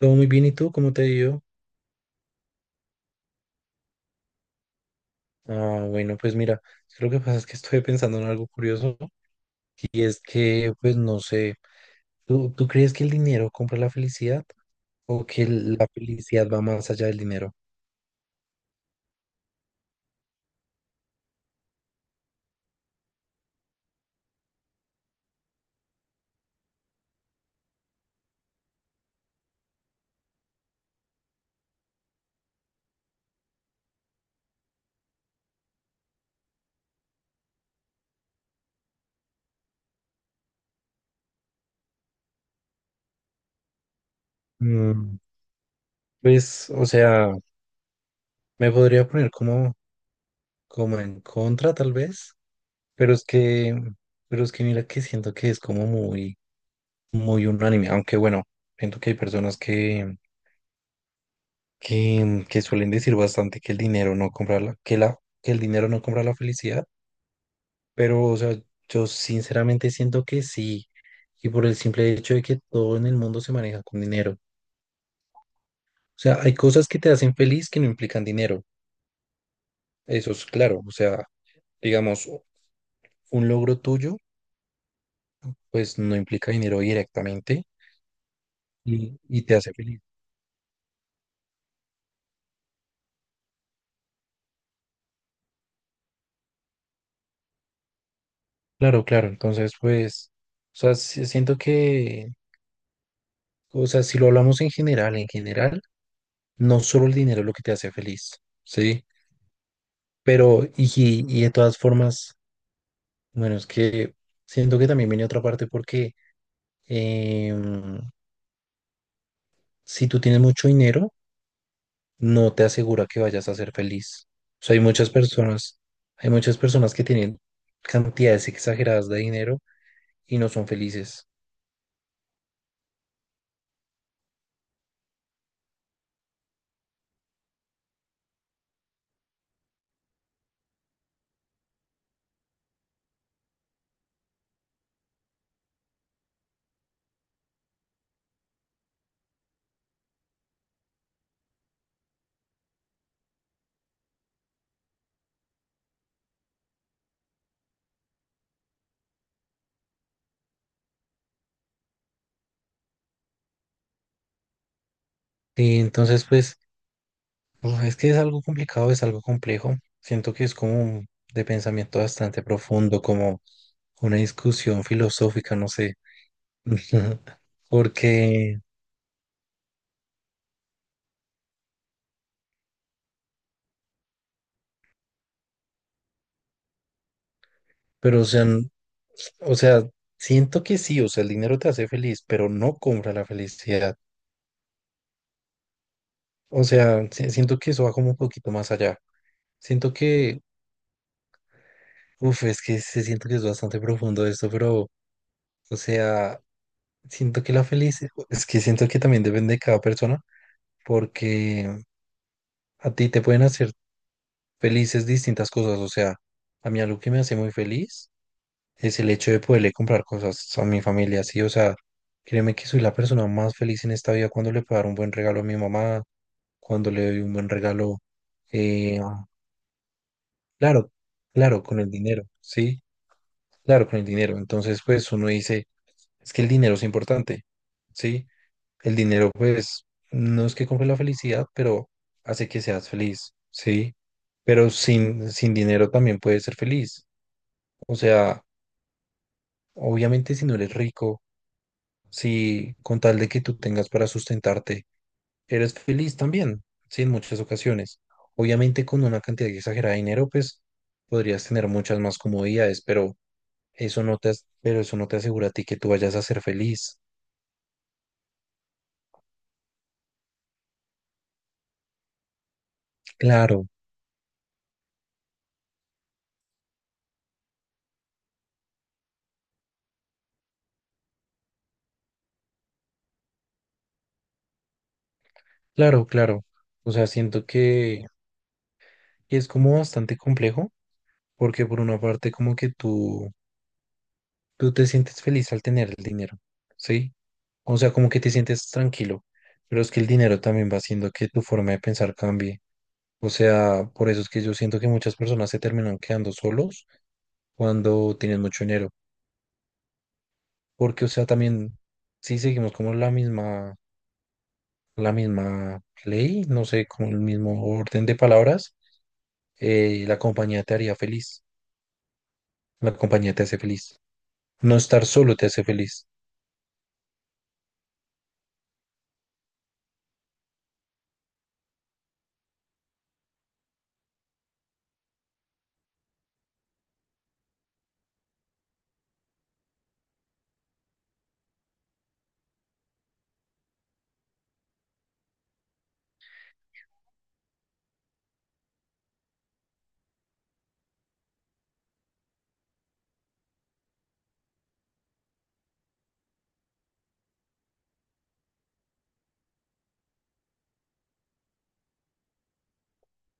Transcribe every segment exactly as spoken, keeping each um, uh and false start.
Todo muy bien, ¿y tú cómo te ha ido? Ah, bueno, pues mira, lo que pasa es que estoy pensando en algo curioso y es que, pues no sé, ¿tú, tú crees que el dinero compra la felicidad o que la felicidad va más allá del dinero? Mm, pues, o sea, me podría poner como, como en contra tal vez, pero es que, pero es que mira que siento que es como muy, muy unánime, aunque bueno, siento que hay personas que que, que suelen decir bastante que el dinero no compra la, que la, que el dinero no compra la felicidad, pero o sea, yo sinceramente siento que sí, y por el simple hecho de que todo en el mundo se maneja con dinero. O sea, hay cosas que te hacen feliz que no implican dinero, eso es claro, o sea, digamos, un logro tuyo, pues no implica dinero directamente y, y te hace feliz. Claro, claro, entonces pues, o sea, sí siento que, o sea, si lo hablamos en general, en general, no solo el dinero es lo que te hace feliz, ¿sí? Pero, y, y de todas formas, bueno, es que siento que también viene otra parte porque em, si tú tienes mucho dinero, no te asegura que vayas a ser feliz. O sea, hay muchas personas, hay muchas personas que tienen cantidades exageradas de dinero y no son felices. Y entonces, pues, uf, es que es algo complicado, es algo complejo. Siento que es como un- de pensamiento bastante profundo, como una discusión filosófica, no sé. Porque, pero o sea, n- o sea, siento que sí, o sea, el dinero te hace feliz, pero no compra la felicidad. O sea, si- siento que eso va como un poquito más allá. Siento que, uff, es que se siento que es bastante profundo esto, pero, o sea, siento que la felicidad, es que siento que también depende de cada persona, porque a ti te pueden hacer felices distintas cosas. O sea, a mí algo que me hace muy feliz es el hecho de poderle comprar cosas a mi familia, sí, o sea, créeme que soy la persona más feliz en esta vida cuando le puedo dar un buen regalo a mi mamá, cuando le doy un buen regalo, eh, claro, claro, con el dinero, sí, claro, con el dinero. Entonces, pues uno dice, es que el dinero es importante, sí, el dinero, pues, no es que compre la felicidad, pero hace que seas feliz, sí, pero sin, sin dinero también puedes ser feliz, o sea, obviamente si no eres rico. Si con tal de que tú tengas para sustentarte, eres feliz también, sí, en muchas ocasiones. Obviamente con una cantidad exagerada de dinero, pues podrías tener muchas más comodidades, pero eso no te, as- pero eso no te asegura a ti que tú vayas a ser feliz. Claro, claro, claro. O sea, siento que que es como bastante complejo, porque por una parte como que tú, tú te sientes feliz al tener el dinero, ¿sí? O sea, como que te sientes tranquilo, pero es que el dinero también va haciendo que tu forma de pensar cambie. O sea, por eso es que yo siento que muchas personas se terminan quedando solos cuando tienen mucho dinero. Porque, o sea, también, si seguimos como la misma, la misma ley, no sé, como el mismo orden de palabras, eh, la compañía te haría feliz. La compañía te hace feliz. No estar solo te hace feliz.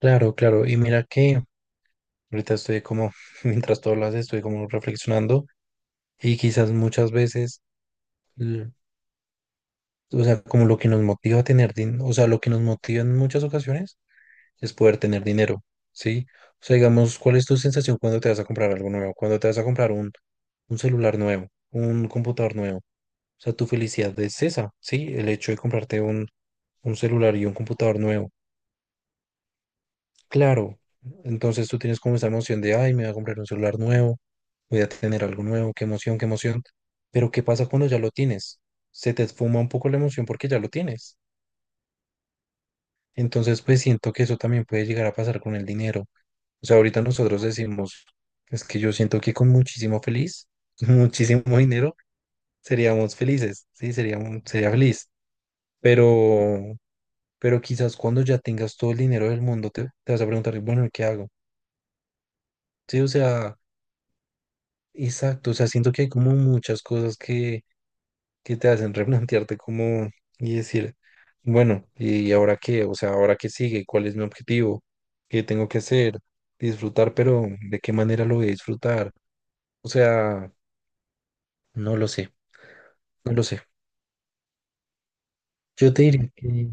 Claro, claro. Y mira que ahorita estoy como, mientras tú hablas, estoy como reflexionando y quizás muchas veces, l- o sea, como lo que nos motiva a tener dinero, o sea, lo que nos motiva en muchas ocasiones es poder tener dinero, ¿sí? O sea, digamos, ¿cuál es tu sensación cuando te vas a comprar algo nuevo? Cuando te vas a comprar un, un celular nuevo, un computador nuevo. O sea, tu felicidad es esa, ¿sí? El hecho de comprarte un, un celular y un computador nuevo. Claro, entonces tú tienes como esa emoción de, ay, me voy a comprar un celular nuevo, voy a tener algo nuevo, qué emoción, qué emoción. Pero ¿qué pasa cuando ya lo tienes? Se te esfuma un poco la emoción porque ya lo tienes. Entonces, pues siento que eso también puede llegar a pasar con el dinero. O sea, ahorita nosotros decimos, es que yo siento que con muchísimo feliz, muchísimo dinero, seríamos felices, sí, sería, un- sería feliz. Pero, pero quizás cuando ya tengas todo el dinero del mundo, te, te vas a preguntar, bueno, ¿y ¿qué hago? Sí, o sea, exacto, o sea, siento que hay como muchas cosas que, que te hacen replantearte como y decir, bueno, ¿y ahora qué? O sea, ¿ahora qué sigue? ¿Cuál es mi objetivo? ¿Qué tengo que hacer? Disfrutar, pero ¿de qué manera lo voy a disfrutar? O sea... No lo sé, no lo sé. Yo te diría que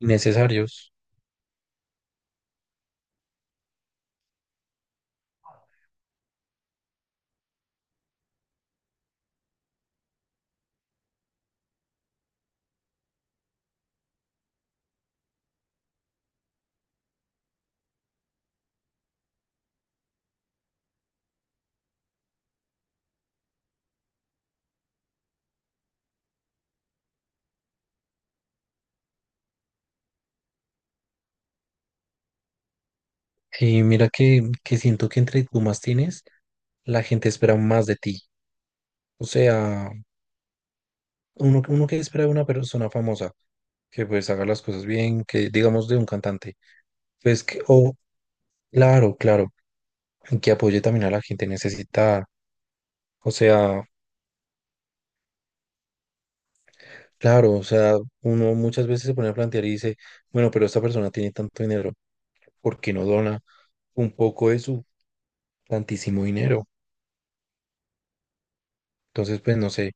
necesarios. Y mira que, que siento que entre tú más tienes, la gente espera más de ti. O sea, uno, uno que espera de una persona famosa, que pues haga las cosas bien, que digamos de un cantante, pues que, o claro, claro, que apoye también a la gente necesitada. O sea, claro, o sea, uno muchas veces se pone a plantear y dice, bueno, pero esta persona tiene tanto dinero, ¿por qué no dona un poco de su tantísimo dinero? Entonces, pues no sé.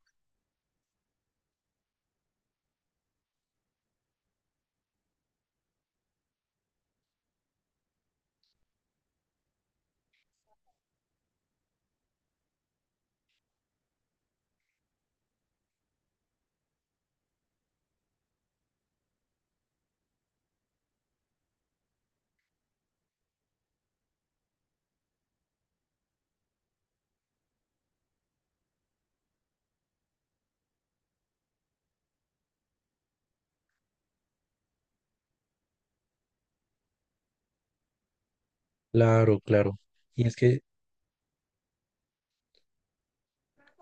Claro, claro. Y es que,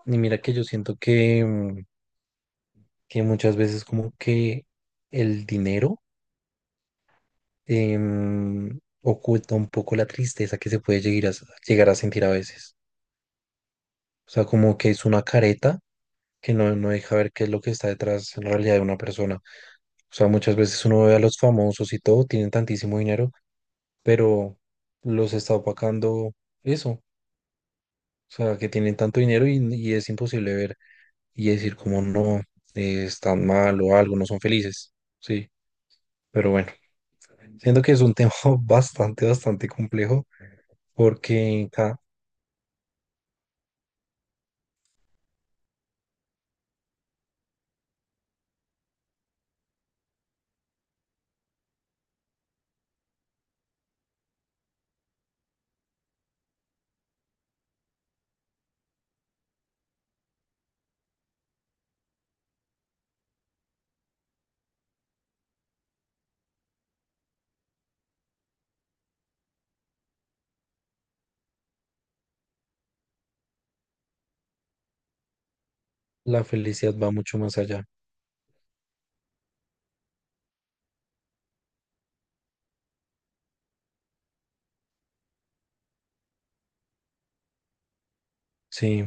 y mira que yo siento que, mm, que muchas veces como que el dinero em, oculta un poco la tristeza que se puede llegar a, s- llegar a sentir a veces. O sea, como que es una careta que no, no deja ver qué es lo que está detrás en realidad de una persona. O sea, muchas veces uno ve a los famosos y todo, tienen tantísimo dinero, pero los está opacando eso. O sea, que tienen tanto dinero y y es imposible ver, y decir como no, eh, están mal o algo, no son felices. Sí, pero bueno, siento que es un tema bastante, bastante complejo porque ca- la felicidad va mucho más allá. Sí,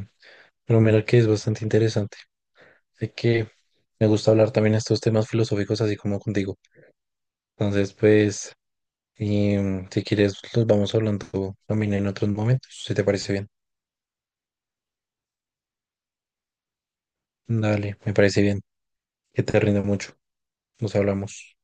pero mira que es bastante interesante. Sé que me gusta hablar también estos temas filosóficos así como contigo. Entonces, pues, em, si quieres, los vamos hablando también en otros momentos, si te parece bien. Dale, me parece bien. Que te rinda mucho. Nos hablamos.